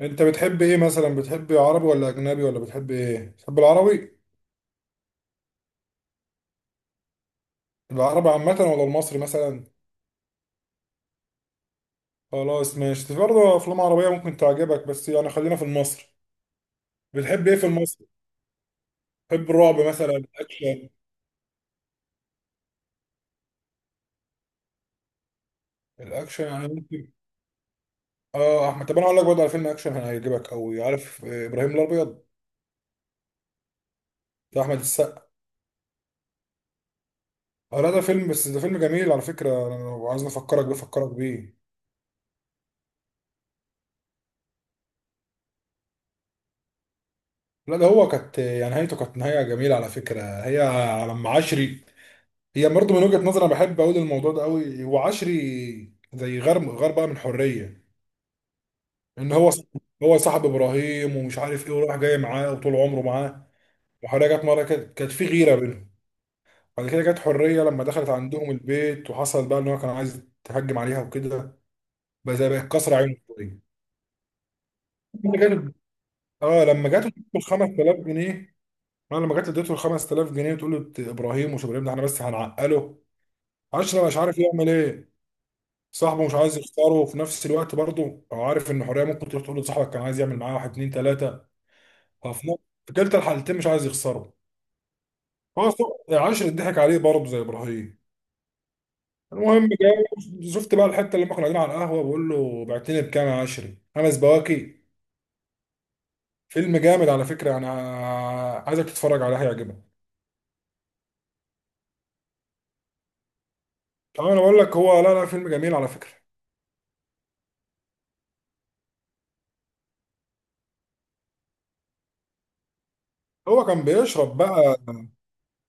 انت بتحب ايه مثلا، بتحب عربي ولا اجنبي ولا بتحب ايه؟ بتحب العربي؟ العربي عامه ولا المصري مثلا؟ خلاص ماشي، في برضه افلام عربيه ممكن تعجبك بس يعني خلينا في المصري. بتحب ايه في المصري؟ بتحب الرعب مثلا الاكشن؟ الاكشن يعني ممكن. اه احمد، طب انا اقول لك برضه على فيلم اكشن هيعجبك قوي، عارف ابراهيم الابيض؟ بتاع احمد السقا. اه لا، ده فيلم بس ده فيلم جميل على فكره، انا لو عايز افكرك بيه افكرك بيه. لا، ده هو كانت يعني نهايته، كانت نهايه جميله على فكره، هي على ام عشري. هي برضه من وجهة نظري، انا بحب اقول الموضوع ده قوي، وعشري زي غير بقى من حرية. ان هو ص- هو صاحب ابراهيم ومش عارف ايه، وراح جاي معاه وطول عمره معاه. وحريه جت مره كده، كانت في غيره بينهم. بعد كده جت حريه لما دخلت عندهم البيت، وحصل بقى ان هو كان عايز تهجم عليها وكده. بقى زي بقت كسر عينه شويه لما جت. اه، لما جت اديته ال 5000 جنيه. انا لما جت اديته ال 5000 جنيه، تقول له ابراهيم، ومش ابراهيم ده احنا بس هنعقله. عشري مش عارف يعمل ايه، صاحبه مش عايز يختاره، وفي نفس الوقت برضه هو عارف ان حريه ممكن تروح تقول لصاحبك كان عايز يعمل معاه واحد اتنين تلاته. ففي نفس- في كلتا الحالتين مش عايز يخسره. عاشر اتضحك عليه برضه زي ابراهيم. المهم جاي، شفت بقى الحته اللي ما كنا قاعدين على القهوه، بقول له بعتني بكام يا عشري؟ خمس بواكي. فيلم جامد على فكره، انا عايزك تتفرج عليه هيعجبك. طب انا بقول لك هو، لا لا، فيلم جميل على فكره. هو كان بيشرب بقى،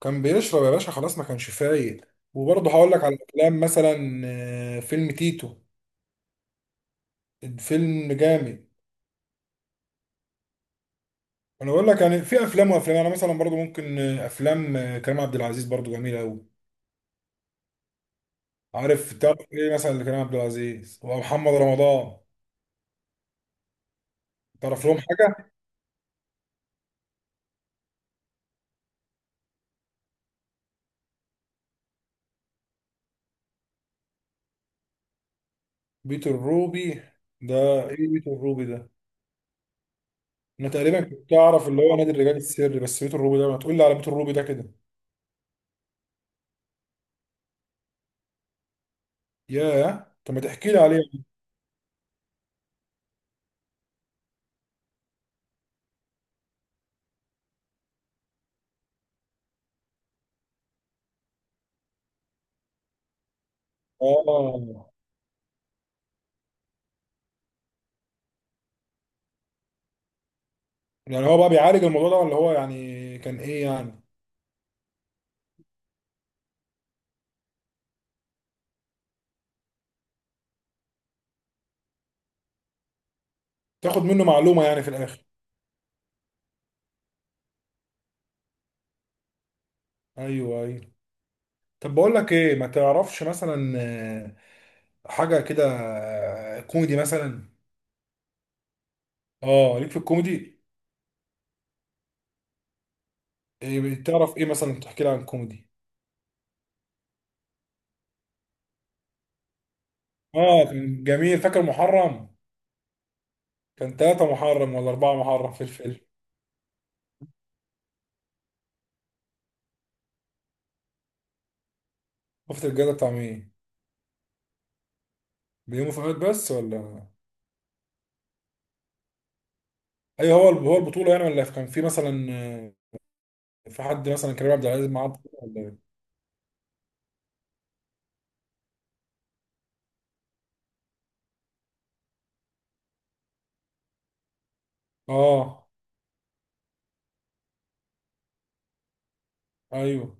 كان بيشرب يا باشا، خلاص ما كانش فايق. وبرضه هقول لك على افلام مثلا، فيلم تيتو، فيلم جامد. انا بقول لك يعني في افلام وافلام، انا مثلا برضو ممكن افلام كريم عبد العزيز برضو جميله قوي. عارف تعرف ايه مثلا لكريم عبد العزيز ومحمد رمضان؟ تعرف لهم حاجه؟ بيت الروبي ده. ايه بيت الروبي ده؟ انا تقريبا كنت اعرف اللي هو نادي الرجال السري، بس بيت الروبي ده، ما تقول لي على بيت الروبي ده كده. ياه، طب ما تحكي لي عليه. اه. يعني هو بقى بيعالج الموضوع ده، ولا هو يعني كان ايه يعني؟ تاخد منه معلومه يعني في الاخر. ايوه ايوه. طب بقول لك ايه، ما تعرفش مثلا حاجه كده، كوميدي مثلا؟ اه ليك في الكوميدي. إيه تعرف ايه مثلا؟ تحكي لي عن الكوميدي. اه كان جميل، فاكر محرم؟ كان ثلاثة محرم ولا أربعة محرم في الفيلم؟ شفت الجدع بتاع مين؟ بيومي فؤاد بس ولا؟ اي هو هو البطولة يعني، ولا كان في مثلا في حد مثلا كريم عبد العزيز معاه بطولة ولا إيه؟ اه ايوه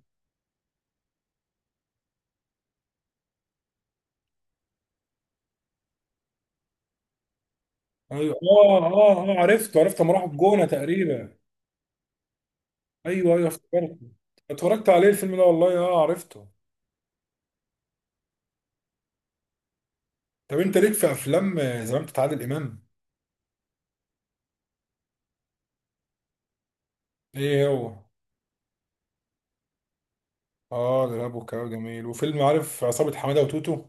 ايوه. اه اه اه، عرفته عرفته لما راحوا الجونة تقريبا. ايوه ايوه افتكرت. اتفرجت عليه الفيلم ده والله، اه عرفته. طب انت ليك في افلام زمان بتاع عادل امام؟ ايه هو؟ اه الارهاب والكباب جميل، وفيلم، عارف عصابة حمادة وتوتو؟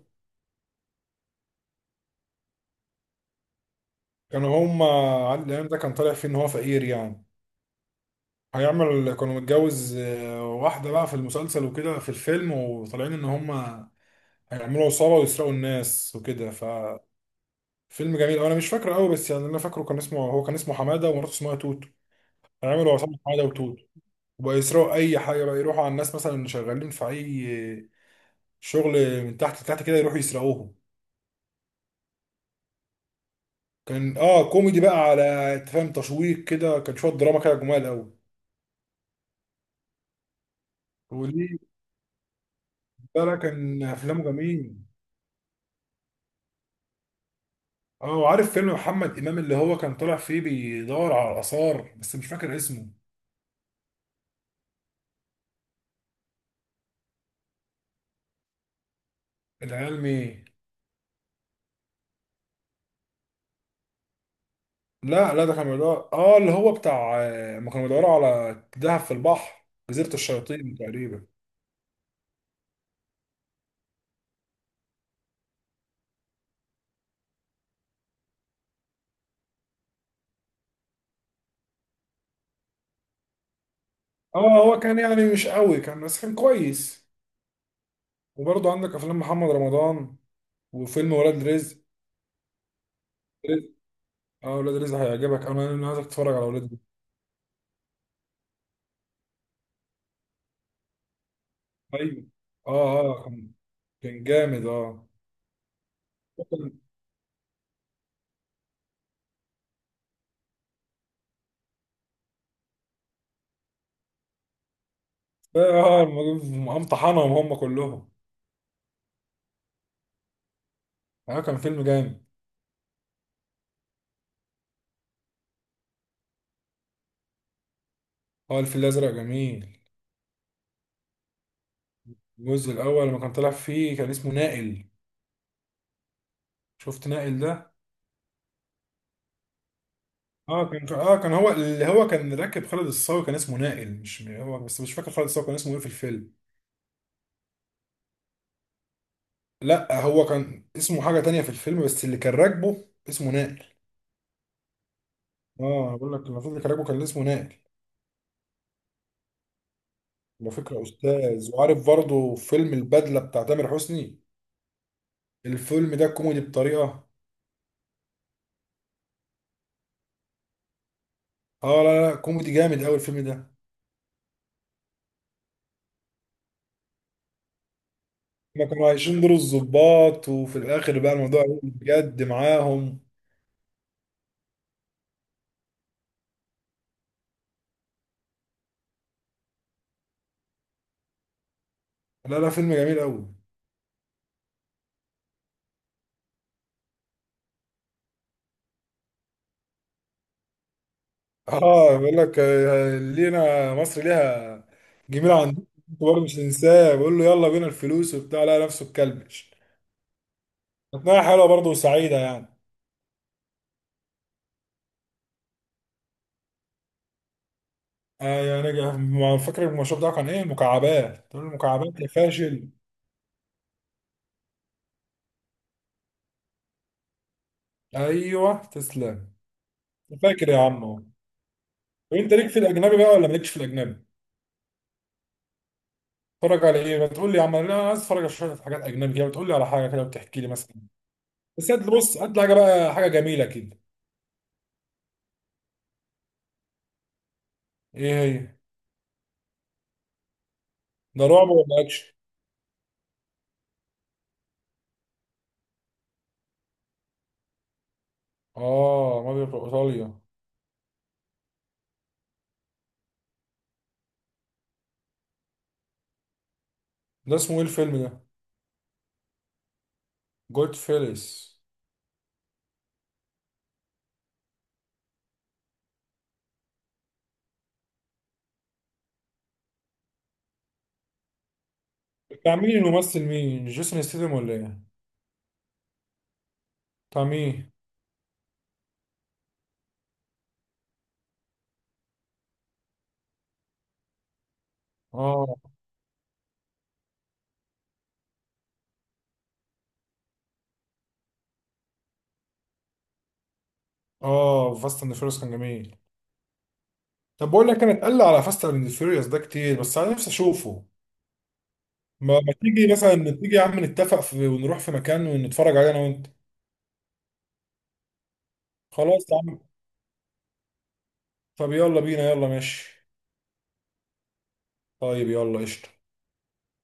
كانوا هما، عادل امام ده كان طالع فيه ان هو فقير يعني، هيعمل، كانوا متجوز واحدة بقى في المسلسل وكده، في الفيلم، وطالعين ان هما هيعملوا عصابة ويسرقوا الناس وكده. ففيلم جميل، انا مش فاكره قوي، بس يعني اللي انا فاكره كان اسمه، هو كان اسمه حمادة ومراته اسمها توتو، هيعملوا عصابة حمادة وتوتو، وبقى يسرقوا اي حاجه بقى، يروحوا على الناس مثلا اللي شغالين في اي شغل من تحت لتحت كده، يروحوا يسرقوهم. كان، كوميدي بقى، على، أنت فاهم، تشويق كده، كان شويه دراما كده، جمال قوي. وليه؟ ده لا، كان افلامه جميل. اه وعارف فيلم محمد امام اللي هو كان طالع فيه بيدور على الاثار بس مش فاكر اسمه؟ العيال مين؟ لا لا، ده كان بيدور، اللي هو بتاع، ما كانوا بيدوروا على دهب في البحر. جزيره الشياطين تقريبا. اه هو كان يعني مش قوي كان، بس كان كويس. وبرضه عندك افلام محمد رمضان، وفيلم ولاد رزق. اه ولاد رزق هيعجبك، انا عايزك تتفرج على ولاد رزق. ايوه. اه اه كان، كان جامد اه. كان- اه مقمطحنهم هم كلهم. اه كان فيلم جامد. اه الفيل الازرق جميل. الجزء الاول لما كان طالع فيه كان اسمه نائل. شفت نائل ده؟ اه كان، هو اللي هو كان راكب خالد الصاوي، كان اسمه نائل، مش هو، بس مش فاكر خالد الصاوي كان اسمه ايه في الفيلم. لا هو كان اسمه حاجه تانية في الفيلم، بس اللي كان راكبه اسمه نائل. اه أنا بقول لك، المفروض اللي كان راكبه كان اسمه نائل. على فكرة يا أستاذ، وعارف برضه فيلم البدلة بتاع تامر حسني؟ الفيلم ده كوميدي بطريقة. آه لا لا، كوميدي جامد أوي الفيلم ده. هما كانوا عايشين دور الضباط، وفي الآخر بقى الموضوع قلب بجد معاهم. لا لا، فيلم جميل أوي. آه بيقول لك لينا مصر ليها جميلة عندكم، أنتوا برضه مش هننساه، بيقول له يلا بينا الفلوس وبتاع، لا نفسه اتكلبش. أثناء حلوة برضه وسعيدة يعني. آه يعني ما فاكر المشروب بتاعه كان إيه؟ مكعبات، تقول له مكعبات يا فاشل. ايوه تسلم. فاكر يا عم اهو. وانت ليك في الاجنبي بقى ولا مالكش في الاجنبي؟ اتفرج على ايه؟ ما تقول لي يا عم، انا عايز اتفرج على شويه حاجات اجنبي كده، بتقول لي على حاجه كده وتحكي لي مثلا. بس هات، بص هات لي حاجه بقى، حاجه جميله كده. ايه؟ هي؟ ده رعب ولا اكشن؟ اه مافيا في ايطاليا. ده اسمه ايه الفيلم ده؟ جود فيلس. بتاع مين الممثل، مين، جيسون ستيدم ولا ايه؟ بتاع مين؟ اه. اه فاست اند فيوريوس كان جميل. طب بقول لك انا اتقل على فاست اند فيوريوس ده كتير، بس انا نفسي اشوفه. ما تيجي مثلا، تيجي يا عم نتفق في ونروح في مكان ونتفرج عليه انا وانت. خلاص يا عم. طب يلا بينا، يلا ماشي. طيب يلا قشطة.